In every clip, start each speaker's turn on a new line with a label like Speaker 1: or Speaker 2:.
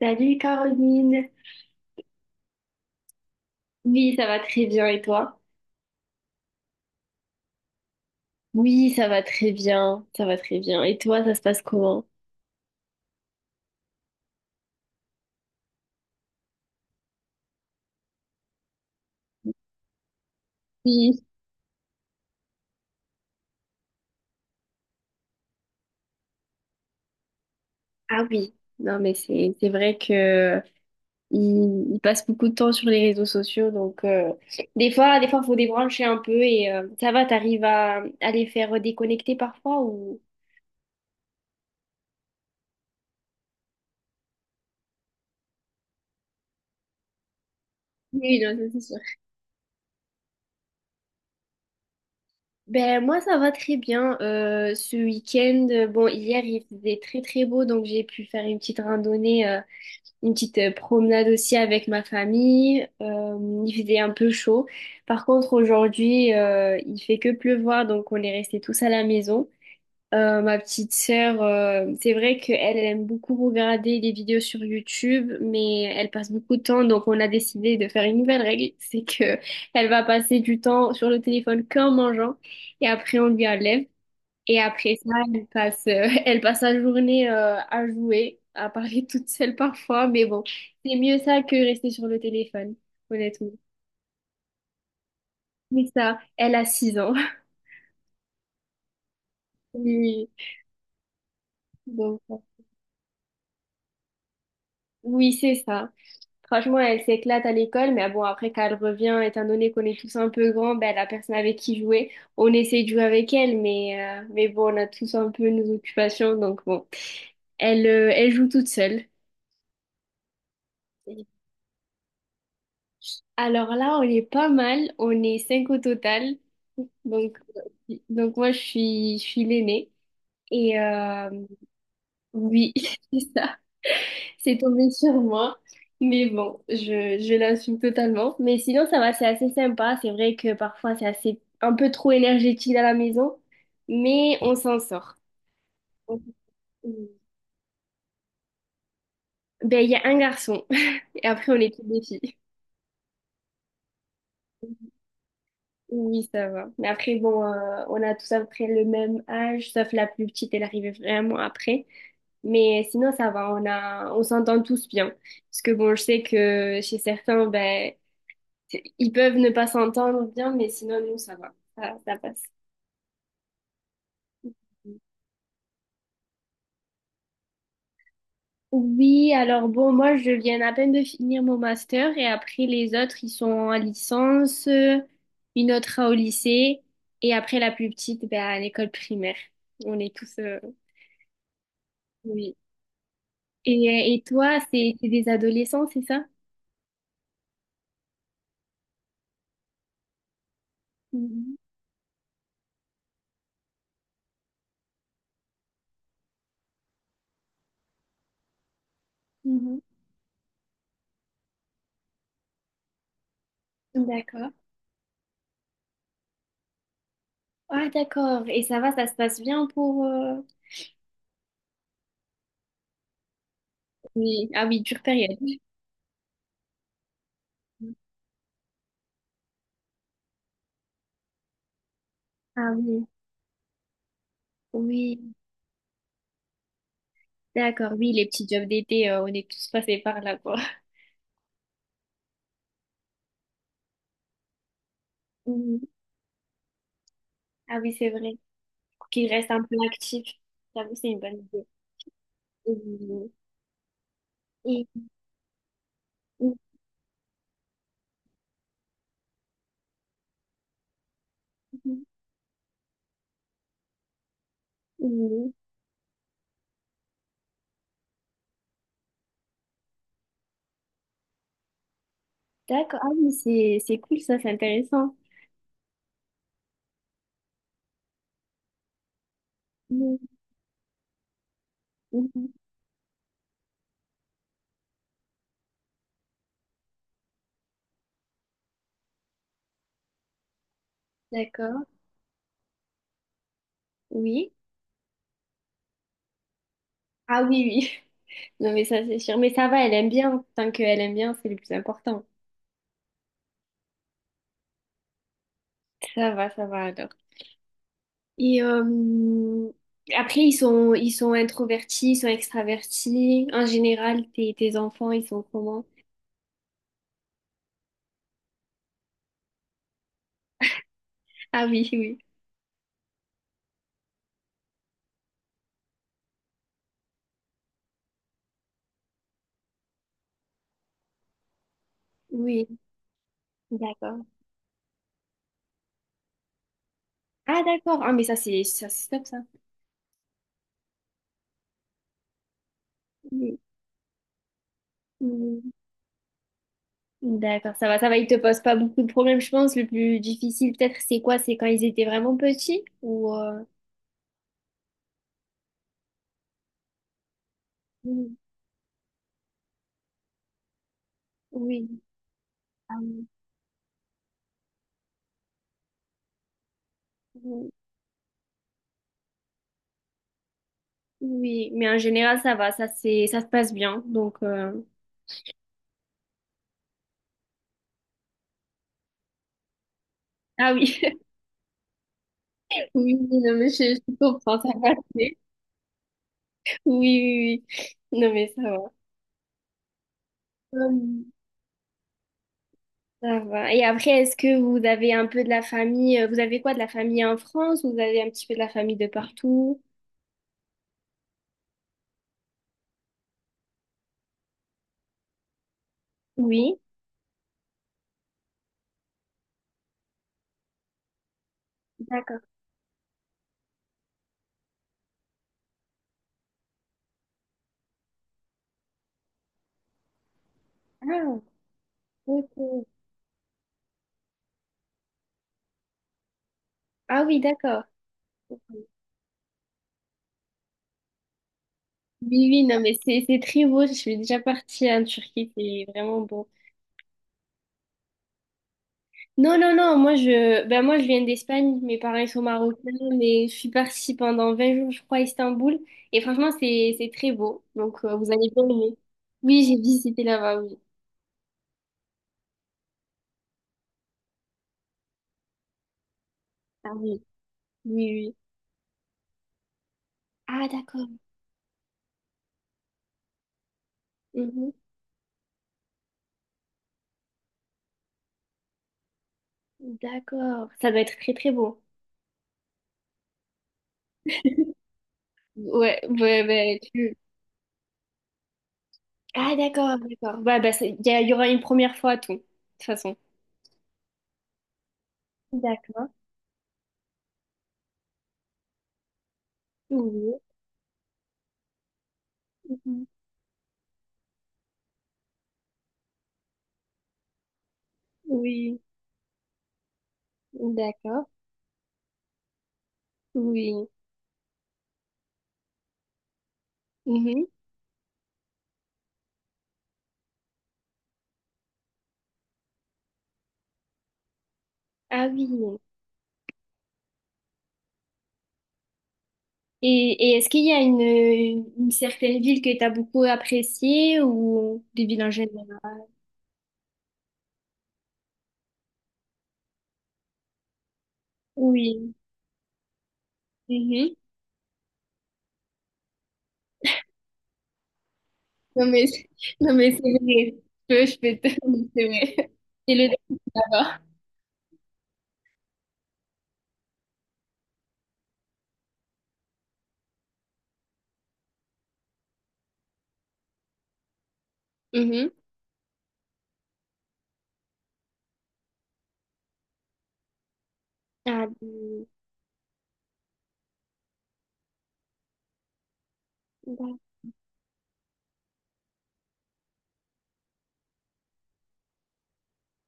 Speaker 1: Salut Caroline. Oui, ça va très bien et toi? Oui, ça va très bien, ça va très bien. Et toi, ça se passe comment? Oui. Ah oui. Non, mais c'est vrai que il passe beaucoup de temps sur les réseaux sociaux, donc des fois, faut débrancher un peu et ça va. T'arrives à les faire déconnecter parfois ou? Oui, non, ça, c'est sûr. Ben moi ça va très bien. Ce week-end, bon hier il faisait très très beau donc j'ai pu faire une petite randonnée une petite promenade aussi avec ma famille. Il faisait un peu chaud. Par contre, aujourd'hui, il fait que pleuvoir, donc on est restés tous à la maison. Ma petite sœur, c'est vrai qu'elle aime beaucoup regarder des vidéos sur YouTube, mais elle passe beaucoup de temps, donc on a décidé de faire une nouvelle règle, c'est que elle va passer du temps sur le téléphone qu'en mangeant, et après on lui enlève. Et après ça, elle passe la journée à jouer, à parler toute seule parfois, mais bon, c'est mieux ça que rester sur le téléphone, honnêtement. Mais ça, elle a 6 ans. Oui, donc, oui, c'est ça. Franchement, elle s'éclate à l'école, mais bon, après, quand elle revient, étant donné qu'on est tous un peu grands, ben, la personne avec qui jouer, on essaie de jouer avec elle, mais bon, on a tous un peu nos occupations, donc bon, elle joue toute seule. Alors là, on est pas mal, on est cinq au total. Donc, donc, moi, je suis l'aînée. Et oui, c'est ça, c'est tombé sur moi. Mais bon, je l'assume totalement. Mais sinon, ça va, c'est assez sympa. C'est vrai que parfois, c'est assez un peu trop énergétique à la maison, mais on s'en sort. Ben, il y a un garçon, et après, on est toutes des filles. Oui, ça va. Mais après, bon, on a tous à peu près le même âge, sauf la plus petite, elle arrivait vraiment après. Mais sinon, ça va, on s'entend tous bien. Parce que bon, je sais que chez certains, ben, ils peuvent ne pas s'entendre bien, mais sinon, nous, ça va. Ça passe. Oui, alors bon, moi, je viens à peine de finir mon master et après, les autres, ils sont en licence, une autre au lycée et après, la plus petite, ben, à l'école primaire. On est tous, oui. Et toi, c'est des adolescents, c'est ça? Mhm, mhm. D'accord. Ah, d'accord. Et ça va, ça se passe bien pour... Oui. Ah oui, dure période. Ah oui, oui, d'accord, oui, les petits jobs d'été, on est tous passés par là, quoi. Mhm. Ah oui, c'est vrai. Pour qu'ils restent un peu actifs. J'avoue, c'est une bonne idée. Oui. Et... Mhm, mhm. D'accord. Ah oui, c'est cool, ça, c'est intéressant. Mhm, mhm. D'accord. Oui. Ah oui, oui. Non, mais ça, c'est sûr. Mais ça va, elle aime bien. Tant qu'elle aime bien, c'est le plus important. Ça va alors. Et après, ils sont introvertis, ils sont extravertis. En général, tes enfants, ils sont comment? Ah oui, oui. Oui, d'accord. Ah d'accord. Ah mais ça, c'est top ça. Oui. Oui. D'accord, ça va, ça va. Ils te posent pas beaucoup de problèmes, je pense. Le plus difficile, peut-être, c'est quoi? C'est quand ils étaient vraiment petits ou... Oui. Oui. Ah oui. Oui, mais en général, ça va, ça se passe bien. Donc, ah oui, oui, oui, non, mais je comprends, ça va. Oui, oui, oui, non, mais ça va. Hum. Ça va. Et après, est-ce que vous avez un peu de la famille, vous avez quoi, de la famille en France? Vous avez un petit peu de la famille de partout? Oui, d'accord. Ah, ok. Ah oui, d'accord. Oui, oui, non, mais c'est très beau. Je suis déjà partie en Turquie, c'est vraiment beau. Non, non, non, ben moi je viens d'Espagne, mes parents ils sont marocains, mais je suis partie pendant 20 jours, je crois, à Istanbul. Et franchement, c'est très beau, donc vous allez bien aimer. Oui, j'ai visité là-bas, oui. Ah oui, oui, oui. Ah d'accord. Mhm. D'accord, ça doit être très très beau. Ouais, ouais, ben tu... Ah d'accord, d'accord. Ouais, ben il y aura une première fois à tout, de toute façon. D'accord. Oui. Mhm. Oui. D'accord. Oui. Mhm. Ah oui. Et est-ce qu'il y a une certaine ville que tu as beaucoup appréciée ou des villes en général? Oui. Mhm. Non mais, c'est- non mais c'est vrai. Je peux te... C'est vrai. C'est le d'abord. Mhm. Ah, d'accord.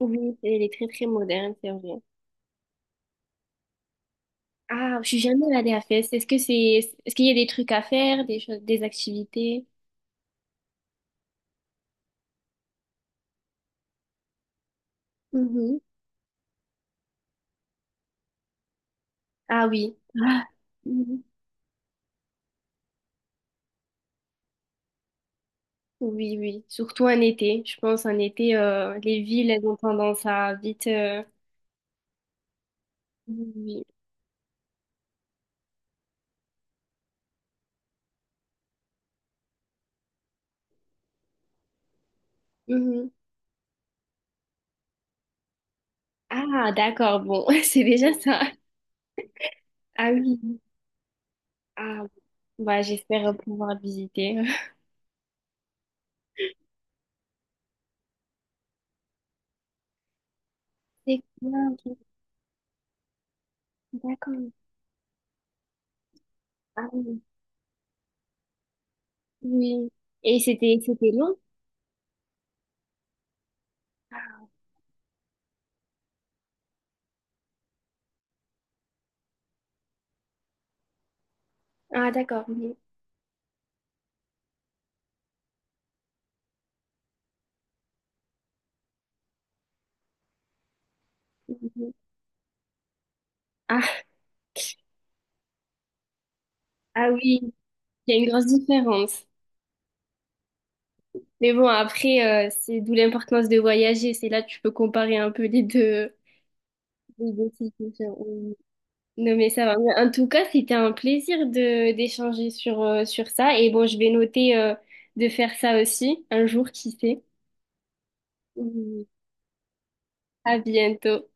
Speaker 1: Oui, elle est très très moderne, c'est vrai. Ah, je suis jamais allée à Fès. Est-ce qu'il y a des trucs à faire, des choses, des activités? Mhm. Ah oui. Ah. Oui, oui, surtout en été. Je pense en été, les villes, elles ont tendance à vite. Oui. Mhm. Ah, d'accord, bon, c'est déjà ça. Ah oui. Ah, bah, j'espère pouvoir visiter. C'est bien, ok. D'accord. Ah oui. Oui. Et c'était long? Ah, d'accord. Oui. Mhm. Ah, ah oui, il y a une grosse différence. Mais bon, après, c'est d'où l'importance de voyager. C'est là que tu peux comparer un peu les deux situations. Non, mais ça va. Mais en tout cas, c'était un plaisir de d'échanger sur, sur ça. Et bon, je vais noter de faire ça aussi un jour, qui sait. Mhm. À bientôt.